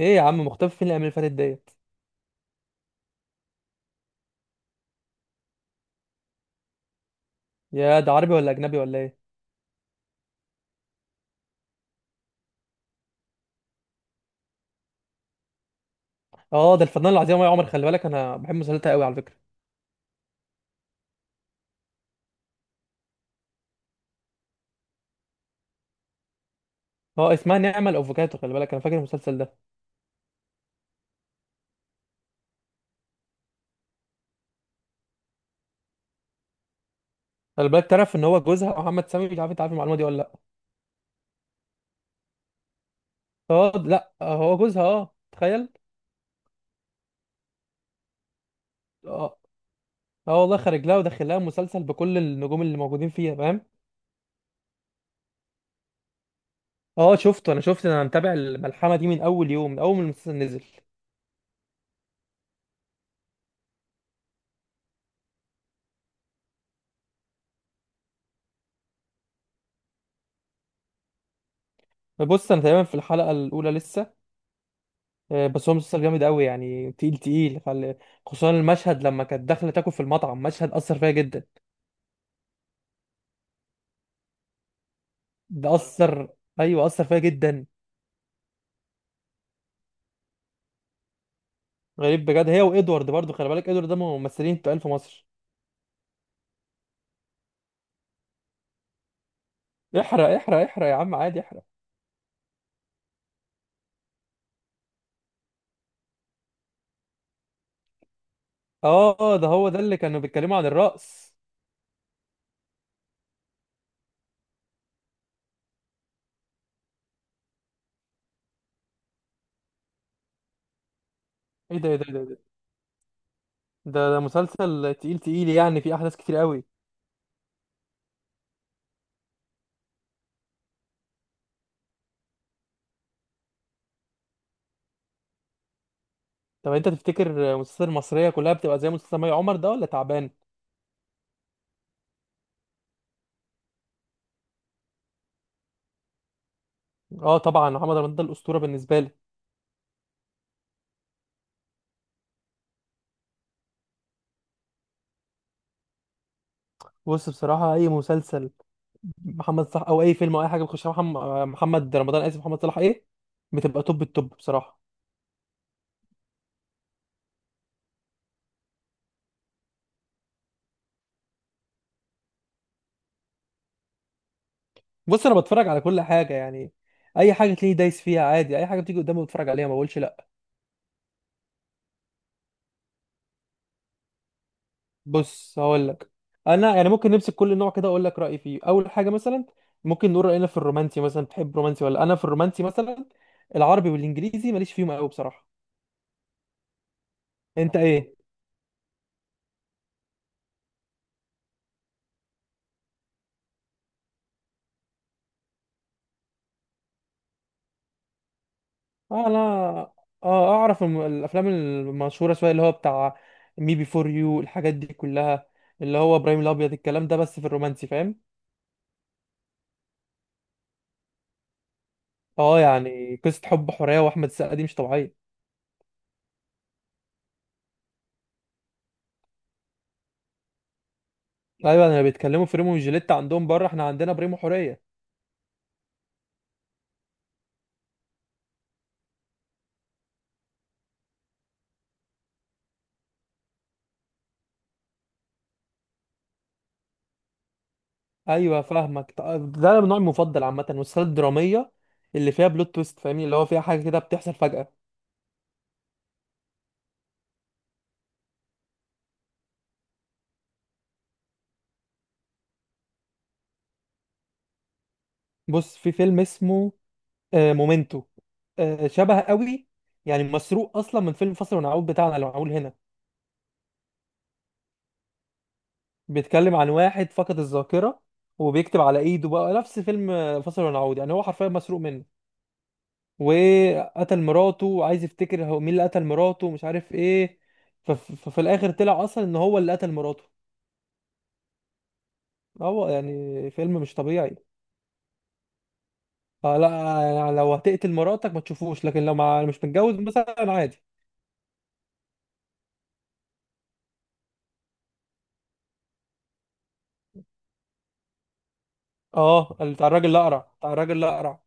ايه يا عم، مختفي فين الايام اللي فاتت ديت؟ يا ده عربي ولا اجنبي ولا ايه؟ اه، ده الفنان العظيم يا عمر. خلي بالك انا بحب مسلسلاتها قوي على فكره. اه اسمها نعمة الافوكاتو. خلي بالك انا فاكر المسلسل ده. خلي بالك، تعرف ان هو جوزها محمد سامي؟ مش عارف انت عارف المعلومه دي ولا لا. اه لا هو جوزها، اه، تخيل. اه. اه والله، خارج لها وداخل لها مسلسل بكل النجوم اللي موجودين فيها، فاهم؟ اه شفته، انا شفت، انا متابع الملحمه دي من اول يوم، من اول ما المسلسل نزل. بص انا تقريبا في الحلقه الاولى لسه. بس هو مسلسل جامد قوي يعني، تقيل تقيل، خصوصا المشهد لما كانت داخله تاكل في المطعم، مشهد اثر فيها جدا. ده اثر. ايوه اثر فيها جدا. غريب بجد، هي وادوارد برضو. خلي بالك ادوارد ده ممثلين تقال في مصر. احرق احرق احرق يا عم، عادي، احرق. اه ده هو ده اللي كانوا بيتكلموا عن الرقص. ايه ده، ايه ده، ايه ده، إيه ده؟ ده ده مسلسل تقيل تقيل يعني، فيه احداث كتير قوي. طب انت تفتكر مسلسل المصريه كلها بتبقى زي مسلسل مي عمر ده ولا تعبان؟ اه طبعا، محمد رمضان ده الاسطوره بالنسبه لي. بص بصراحه، اي مسلسل محمد صلاح او اي فيلم او اي حاجه بيخشها محمد، محمد رمضان، اسف محمد صلاح، ايه، بتبقى توب التوب بصراحه. بص انا بتفرج على كل حاجه يعني، اي حاجه تلاقيني دايس فيها عادي، اي حاجه بتيجي قدامي بتفرج عليها ما بقولش لا. بص هقول لك، انا يعني ممكن نمسك كل نوع كده اقول لك رايي فيه. اول حاجه مثلا، ممكن نقول راينا في الرومانسي مثلا. بتحب رومانسي ولا؟ انا في الرومانسي مثلا، العربي والانجليزي ماليش فيهم قوي بصراحه. انت ايه؟ اه انا، اه اعرف الافلام المشهوره شويه، اللي هو بتاع مي بي فور يو، الحاجات دي كلها، اللي هو ابراهيم الابيض، الكلام ده، بس في الرومانسي فاهم. اه يعني قصه حب حوريه واحمد السقا دي مش طبيعيه. ايوه انا بيتكلموا في ريمو وجيليتا عندهم بره، احنا عندنا بريمو حوريه. ايوه فاهمك. ده النوع المفضل عامه، والسلسله الدراميه اللي فيها بلوت تويست فاهمني، اللي هو فيها حاجه كده بتحصل فجاه. بص في فيلم اسمه مومنتو. شبه قوي، يعني مسروق اصلا من فيلم فاصل ونعود بتاعنا اللي معمول هنا. بيتكلم عن واحد فقد الذاكرة، وبيكتب على ايده بقى، نفس فيلم فاصل ونعود، يعني هو حرفيا مسروق منه. وقتل مراته وعايز يفتكر هو مين اللي قتل مراته ومش عارف ايه. فف- ففي الاخر طلع اصلا ان هو اللي قتل مراته. هو يعني فيلم مش طبيعي. لا يعني لو هتقتل مراتك ما تشوفوش، لكن لو مع مش متجوز مثلا عادي. اه بتاع الراجل الاقرع، بتاع الراجل الاقرع.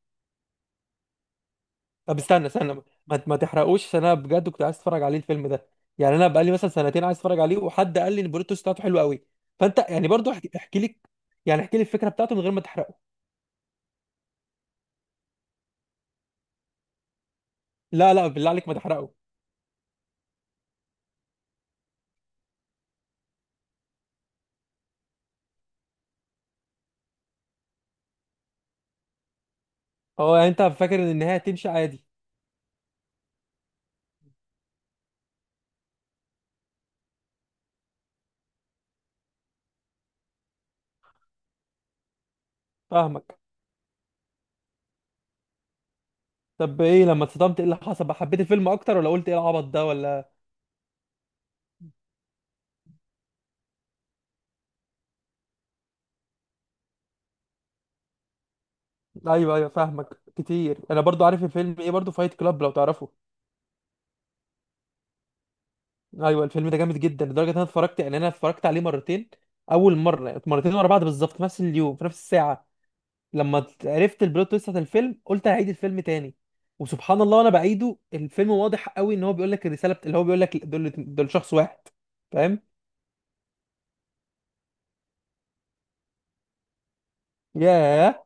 طب استنى استنى، ما تحرقوش، عشان انا بجد كنت عايز اتفرج عليه الفيلم ده. يعني انا بقالي مثلا سنتين عايز اتفرج عليه، وحد قال لي ان البلوت تويست بتاعته حلو قوي. فانت يعني برضو احكي لي، يعني احكي لي الفكره بتاعته من غير ما تحرقه. لا لا، بالله عليك ما تحرقه. هو يعني انت فاكر ان النهايه تمشي عادي. فاهمك. طب ايه لما اتصدمت، ايه اللي حصل بقى؟ حبيت الفيلم اكتر ولا قلت ايه العبط ده ولا؟ ايوه ايوه فاهمك. كتير. انا برضو عارف الفيلم ايه، برضو فايت كلاب، لو تعرفه. ايوه الفيلم ده جامد جدا، لدرجه ان انا اتفرجت، يعني انا اتفرجت عليه مرتين. اول مره مرتين ورا بعض بالظبط، في نفس اليوم في نفس الساعه. لما عرفت البلوت تويست بتاعت الفيلم، قلت هعيد الفيلم تاني. وسبحان الله، وانا بعيده الفيلم واضح قوي ان هو بيقول لك الرساله اللي هو بيقول لك دول دول شخص واحد، فاهم؟ ياه.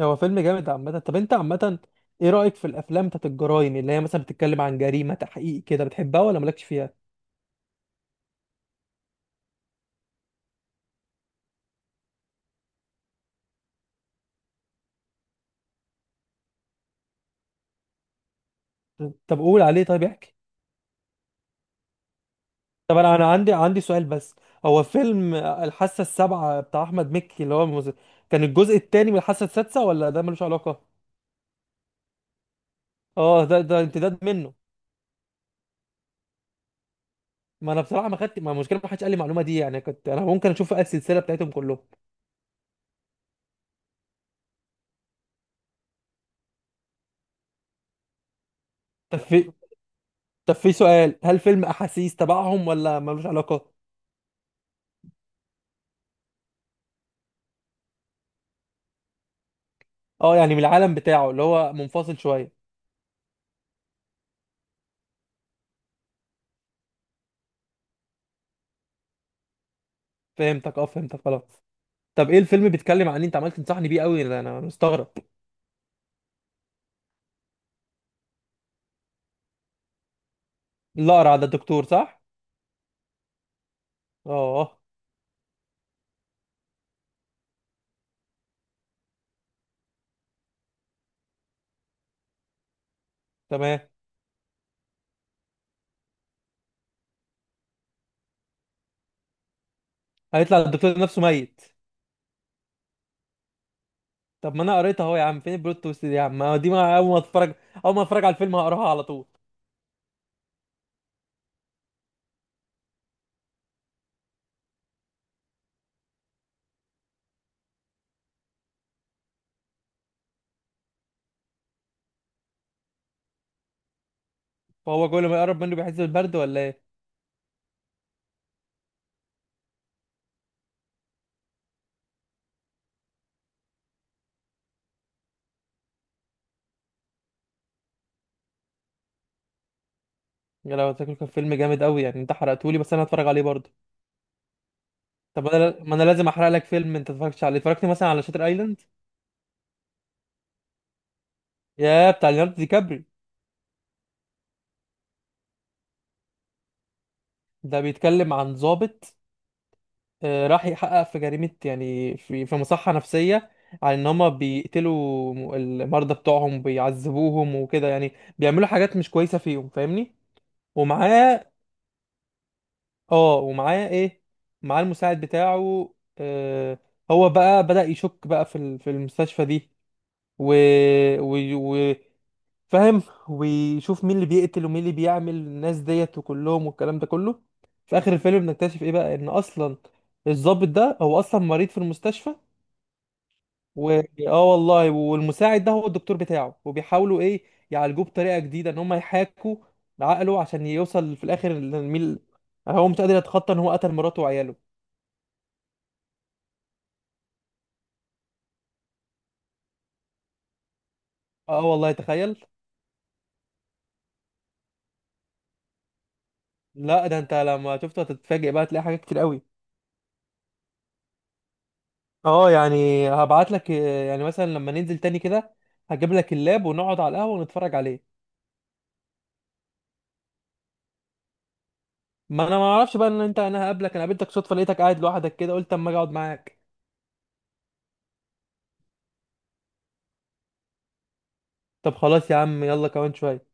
هو فيلم جامد عامه. طب انت عامه ايه رايك في الافلام بتاعت الجرايم، اللي هي مثلا بتتكلم عن جريمه، تحقيق كده، بتحبها ولا مالكش فيها؟ طب قول عليه، طيب احكي. طب انا، انا عندي، عندي سؤال بس. هو فيلم الحاسه السابعه بتاع احمد مكي اللي هو كان الجزء الثاني من الحاسه السادسه ولا ده ملوش علاقه؟ اه ده ده امتداد منه. ما انا بصراحه ما خدت، ما المشكله ما حدش قال لي المعلومه دي، يعني كنت انا ممكن اشوف بقى السلسله بتاعتهم كلهم. طب في طب في سؤال، هل فيلم احاسيس تبعهم ولا ملوش علاقه؟ اه يعني من العالم بتاعه، اللي هو منفصل شويه. فهمتك، اه فهمتك خلاص. طب ايه الفيلم بيتكلم عن إيه؟ انت عمال تنصحني بيه قوي، انا أنا مستغرب. الاقرع ده الدكتور صح؟ اه. تمام. هيطلع الدكتور نفسه ميت. طب ما انا قريتها اهو يا عم، فين البلوت تويست دي يا عم؟ ما دي ما اول ما اتفرج، اول ما اتفرج على الفيلم هقراها على طول. فهو كل ما يقرب منه بيحس بالبرد ولا ايه؟ يا لو تاكل، كان فيلم جامد قوي يعني، انت حرقتولي، بس انا هتفرج عليه برضه. طب انا، ما انا لازم احرق لك فيلم انت اتفرجتش عليه. اتفرجت مثلا على شاتر ايلاند؟ يا بتاع ليوناردو دي كابري. ده بيتكلم عن ضابط، راح يحقق في جريمة يعني، في في مصحة نفسية، على ان هما بيقتلوا المرضى بتوعهم، بيعذبوهم وكده يعني، بيعملوا حاجات مش كويسة فيهم فاهمني. ومعاه. اه ومعاه ايه. معاه المساعد بتاعه. هو بقى بدأ يشك بقى في في المستشفى دي، و... و... و... فاهم؟ ويشوف مين اللي بيقتل ومين اللي بيعمل الناس ديت وكلهم والكلام ده كله. في اخر الفيلم بنكتشف ايه بقى، ان اصلا الضابط ده هو اصلا مريض في المستشفى. و، اه والله. والمساعد ده هو الدكتور بتاعه، وبيحاولوا ايه، يعالجوه بطريقه جديده، ان هم يحاكوا عقله عشان يوصل في الاخر لمين. هو مش قادر يتخطى ان هو قتل مراته وعياله. اه والله تخيل. لا ده انت لما شفته هتتفاجئ بقى، هتلاقي حاجات كتير قوي. اه يعني هبعت لك، يعني مثلا لما ننزل تاني كده هجيب لك اللاب ونقعد على القهوه ونتفرج عليه. ما انا ما اعرفش بقى ان انت، انا هقابلك، انا قابلتك صدفه، لقيتك قاعد لوحدك كده قلت اما اجي اقعد معاك. طب خلاص يا عم، يلا كمان شويه.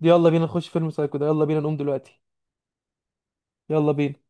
يلا بينا نخش فيلم سايكو ده، يلا بينا نقوم دلوقتي. يلا بينا.